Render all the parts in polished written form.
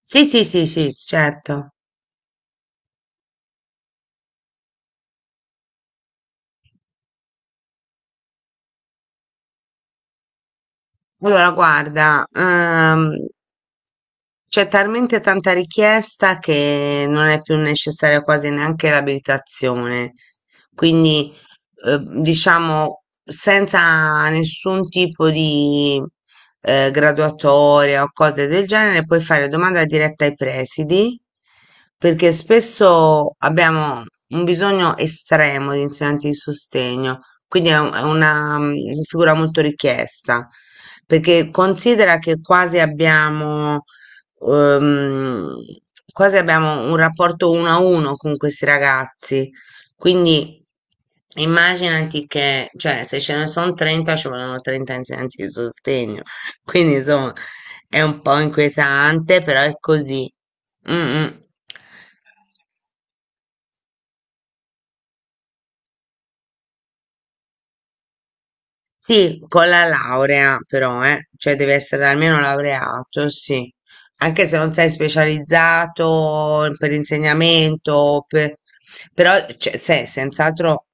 Sì, sì, sì, sì, certo. Allora, guarda, c'è talmente tanta richiesta che non è più necessaria quasi neanche l'abilitazione. Quindi, diciamo, senza nessun tipo di graduatoria o cose del genere, puoi fare domanda diretta ai presidi, perché spesso abbiamo un bisogno estremo di insegnanti di sostegno, quindi è è una figura molto richiesta, perché considera che ehm, quasi abbiamo un rapporto uno a uno con questi ragazzi. Quindi immaginati che, cioè, se ce ne sono 30, ci vogliono 30 insegnanti di sostegno. Quindi, insomma, è un po' inquietante, però è così. Mm, mm. Sì, con la laurea però, eh. Cioè deve essere almeno laureato, sì. Anche se non sei specializzato per insegnamento, però cioè, sei senz'altro,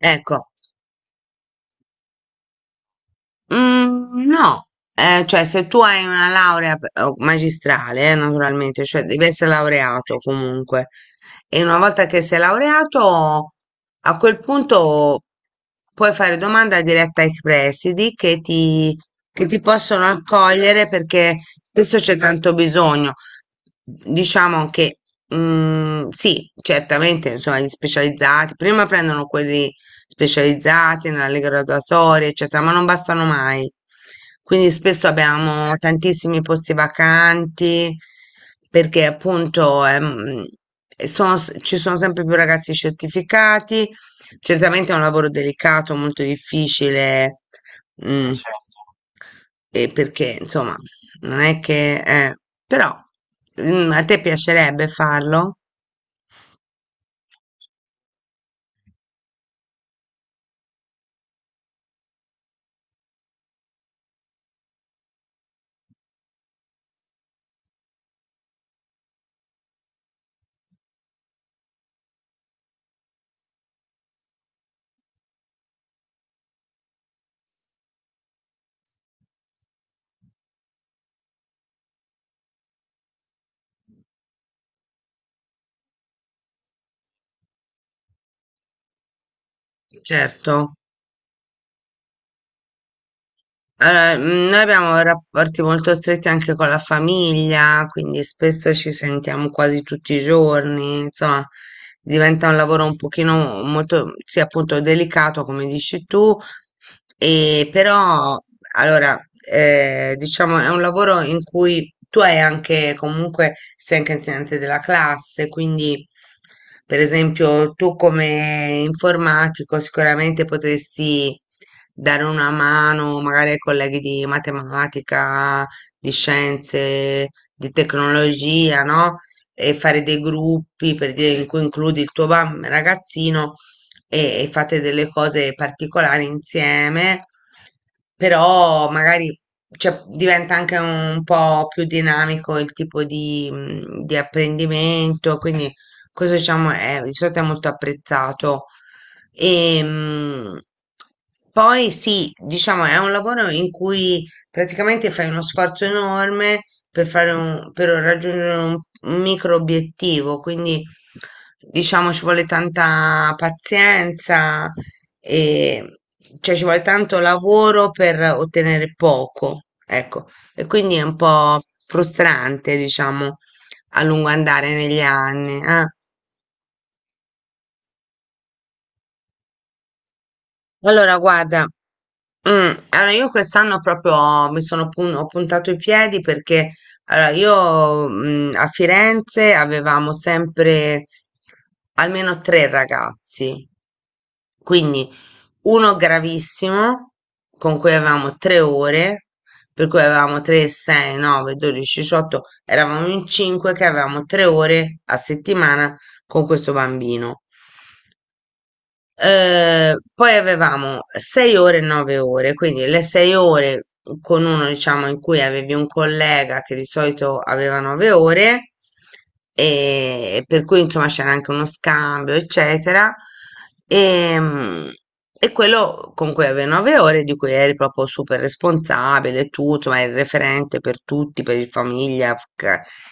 ecco. Mhmm, no, cioè se tu hai una laurea p o magistrale, naturalmente, cioè devi essere laureato comunque e una volta che sei laureato, a quel punto puoi fare domanda diretta ai presidi che ti possono accogliere perché spesso c'è tanto bisogno. Diciamo che, mhmm, sì, certamente insomma gli specializzati, prima prendono quelli specializzati nelle graduatorie, eccetera, ma non bastano mai. Quindi spesso abbiamo tantissimi posti vacanti perché appunto e ci sono sempre più ragazzi certificati. Certamente è un lavoro delicato, molto difficile. Ah, mm, certo. E perché insomma non è che però a te piacerebbe farlo? Certo. Allora, noi abbiamo rapporti molto stretti anche con la famiglia, quindi spesso ci sentiamo quasi tutti i giorni, insomma, diventa un lavoro un pochino molto, sì, appunto, delicato, come dici tu. E però, allora, diciamo, è un lavoro in cui tu hai anche, comunque, sei anche insegnante della classe, quindi, per esempio, tu come informatico sicuramente potresti dare una mano magari ai colleghi di matematica, di scienze, di tecnologia, no? E fare dei gruppi per dire in cui includi il tuo ragazzino e fate delle cose particolari insieme, però magari cioè, diventa anche un po' più dinamico il tipo di apprendimento, quindi questo diciamo di solito è molto apprezzato. E, poi sì, diciamo, è un lavoro in cui praticamente fai uno sforzo enorme per raggiungere un micro obiettivo, quindi diciamo ci vuole tanta pazienza e cioè ci vuole tanto lavoro per ottenere poco, ecco, e quindi è un po' frustrante, diciamo, a lungo andare negli anni. Allora, guarda, io quest'anno proprio ho puntato i piedi perché allora, io a Firenze avevamo sempre almeno tre ragazzi, quindi uno gravissimo con cui avevamo 3 ore, per cui avevamo 3, 6, 9, 12, 18, eravamo in cinque che avevamo 3 ore a settimana con questo bambino. Poi avevamo 6 ore e 9 ore, quindi le 6 ore con uno, diciamo, in cui avevi un collega che di solito aveva 9 ore, e per cui insomma c'era anche uno scambio, eccetera. E, mm, e quello con cui avevi 9 ore, di cui eri proprio super responsabile, tu, insomma, eri il referente per tutti, per il famiglia,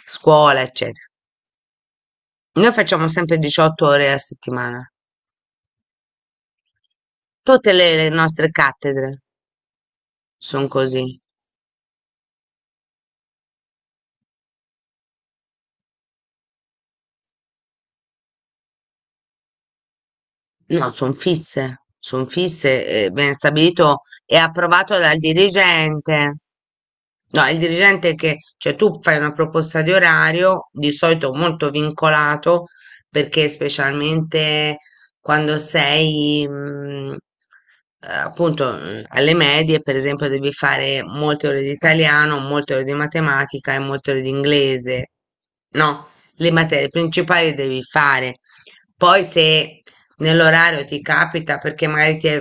scuola, eccetera. Noi facciamo sempre 18 ore a settimana, tutte le nostre cattedre. Son così. No, sono fisse, ben stabilito e approvato dal dirigente. No, è il dirigente che, cioè tu fai una proposta di orario, di solito molto vincolato, perché specialmente quando sei, appunto, alle medie, per esempio, devi fare molte ore di italiano, molte ore di matematica e molte ore di inglese. No, le materie principali devi fare. Poi se nell'orario ti capita perché magari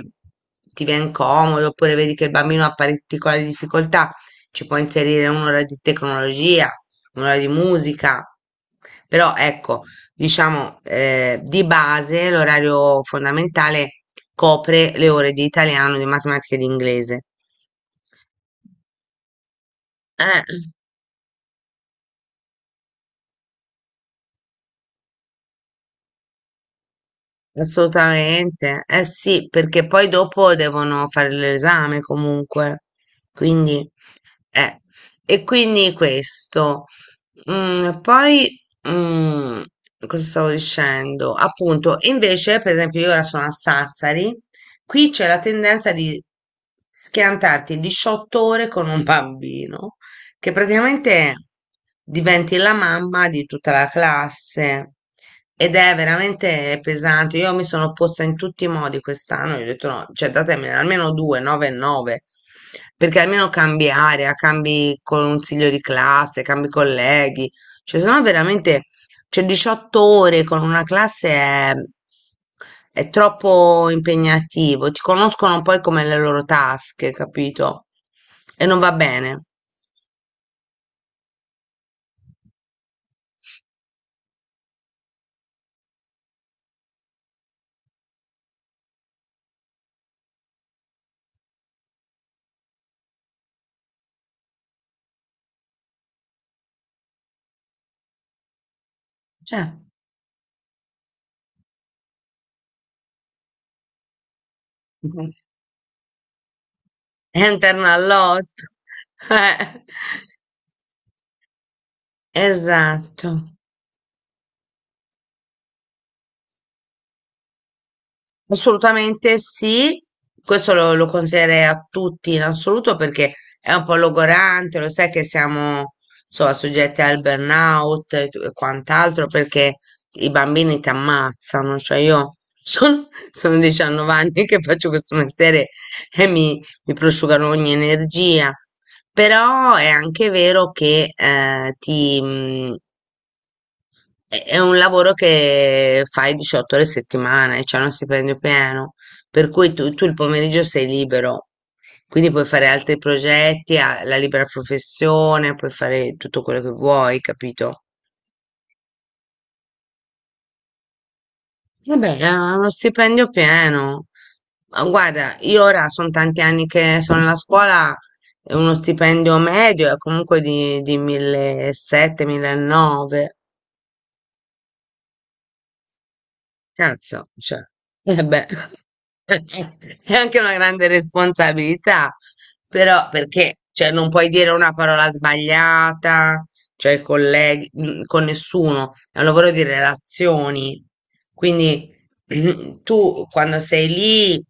ti viene comodo oppure vedi che il bambino ha particolari difficoltà, ci puoi inserire un'ora di tecnologia, un'ora di musica. Però ecco, diciamo, di base l'orario fondamentale copre le ore di italiano, di matematica e di inglese. Eh. Assolutamente, eh sì, perché poi dopo devono fare l'esame comunque, quindi, eh, quindi questo. Poi, mm, cosa stavo dicendo? Appunto, invece, per esempio, io ora sono a Sassari, qui c'è la tendenza di schiantarti 18 ore con un bambino che praticamente diventi la mamma di tutta la classe ed è veramente pesante. Io mi sono opposta in tutti i modi quest'anno, io ho detto no, cioè datemene almeno due, nove e nove, perché almeno cambi area, cambi consiglio di classe, cambi colleghi, cioè sennò veramente, cioè 18 ore con una classe è troppo impegnativo, ti conoscono poi come le loro tasche, capito? E non va bene. Cioè. Interna all'otto. Esatto, assolutamente sì. Questo lo consiglierei a tutti in assoluto perché è un po' logorante, lo sai che siamo insomma soggetti al burnout e quant'altro perché i bambini ti ammazzano. Cioè io sono, sono 19 anni che faccio questo mestiere e mi prosciugano ogni energia. Però è anche vero che è un lavoro che fai 18 ore a settimana e c'è uno stipendio pieno, per cui tu il pomeriggio sei libero, quindi puoi fare altri progetti, la libera professione, puoi fare tutto quello che vuoi, capito? Vabbè, è uno stipendio pieno. Ma guarda, io ora sono tanti anni che sono nella scuola, e uno stipendio medio è comunque di 1700-1900. Cazzo, cioè, eh beh, è anche una grande responsabilità, però perché, cioè, non puoi dire una parola sbagliata, cioè, ai colleghi, con nessuno, è un lavoro di relazioni, quindi tu quando sei lì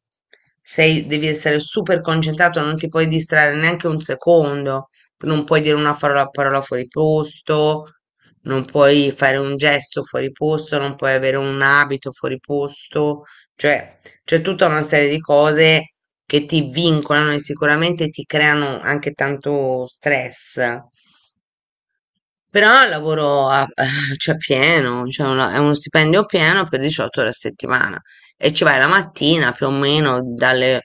devi essere super concentrato, non ti puoi distrarre neanche un secondo, non puoi dire una parola fuori posto, non puoi fare un gesto fuori posto, non puoi avere un abito fuori posto, cioè c'è tutta una serie di cose che ti vincolano e sicuramente ti creano anche tanto stress. Però lavoro a, cioè pieno, cioè è uno stipendio pieno per 18 ore a settimana e ci vai la mattina più o meno dalle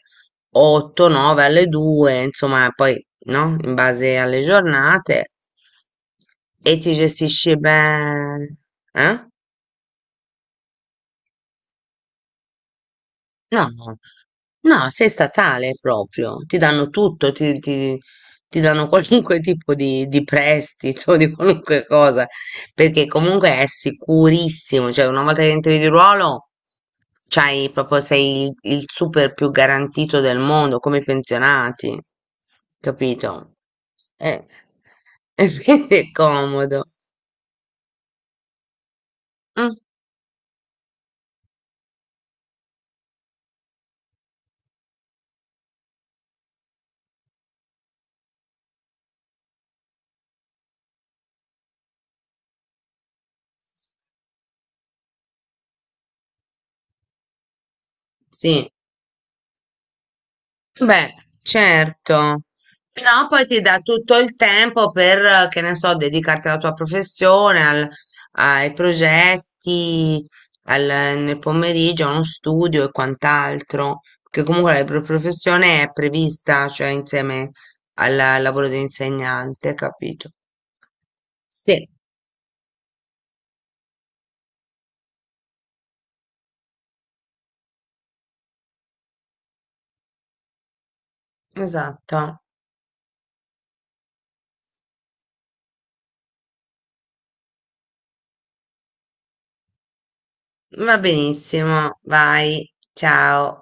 8, 9 alle 2, insomma, poi no? In base alle giornate e ti gestisci bene. Eh? No, no, sei statale proprio, ti danno tutto, ti danno qualunque tipo di prestito, di qualunque cosa, perché comunque è sicurissimo, cioè una volta che entri di ruolo, c'hai proprio, sei il super più garantito del mondo, come i pensionati, capito? Eh, E quindi è comodo. Mm, sì. Beh, certo, però poi ti dà tutto il tempo per, che ne so, dedicarti alla tua professione, ai progetti, nel pomeriggio, a uno studio e quant'altro, perché comunque la professione è prevista, cioè insieme al lavoro di insegnante, capito? Sì, esatto. Va benissimo, vai, ciao.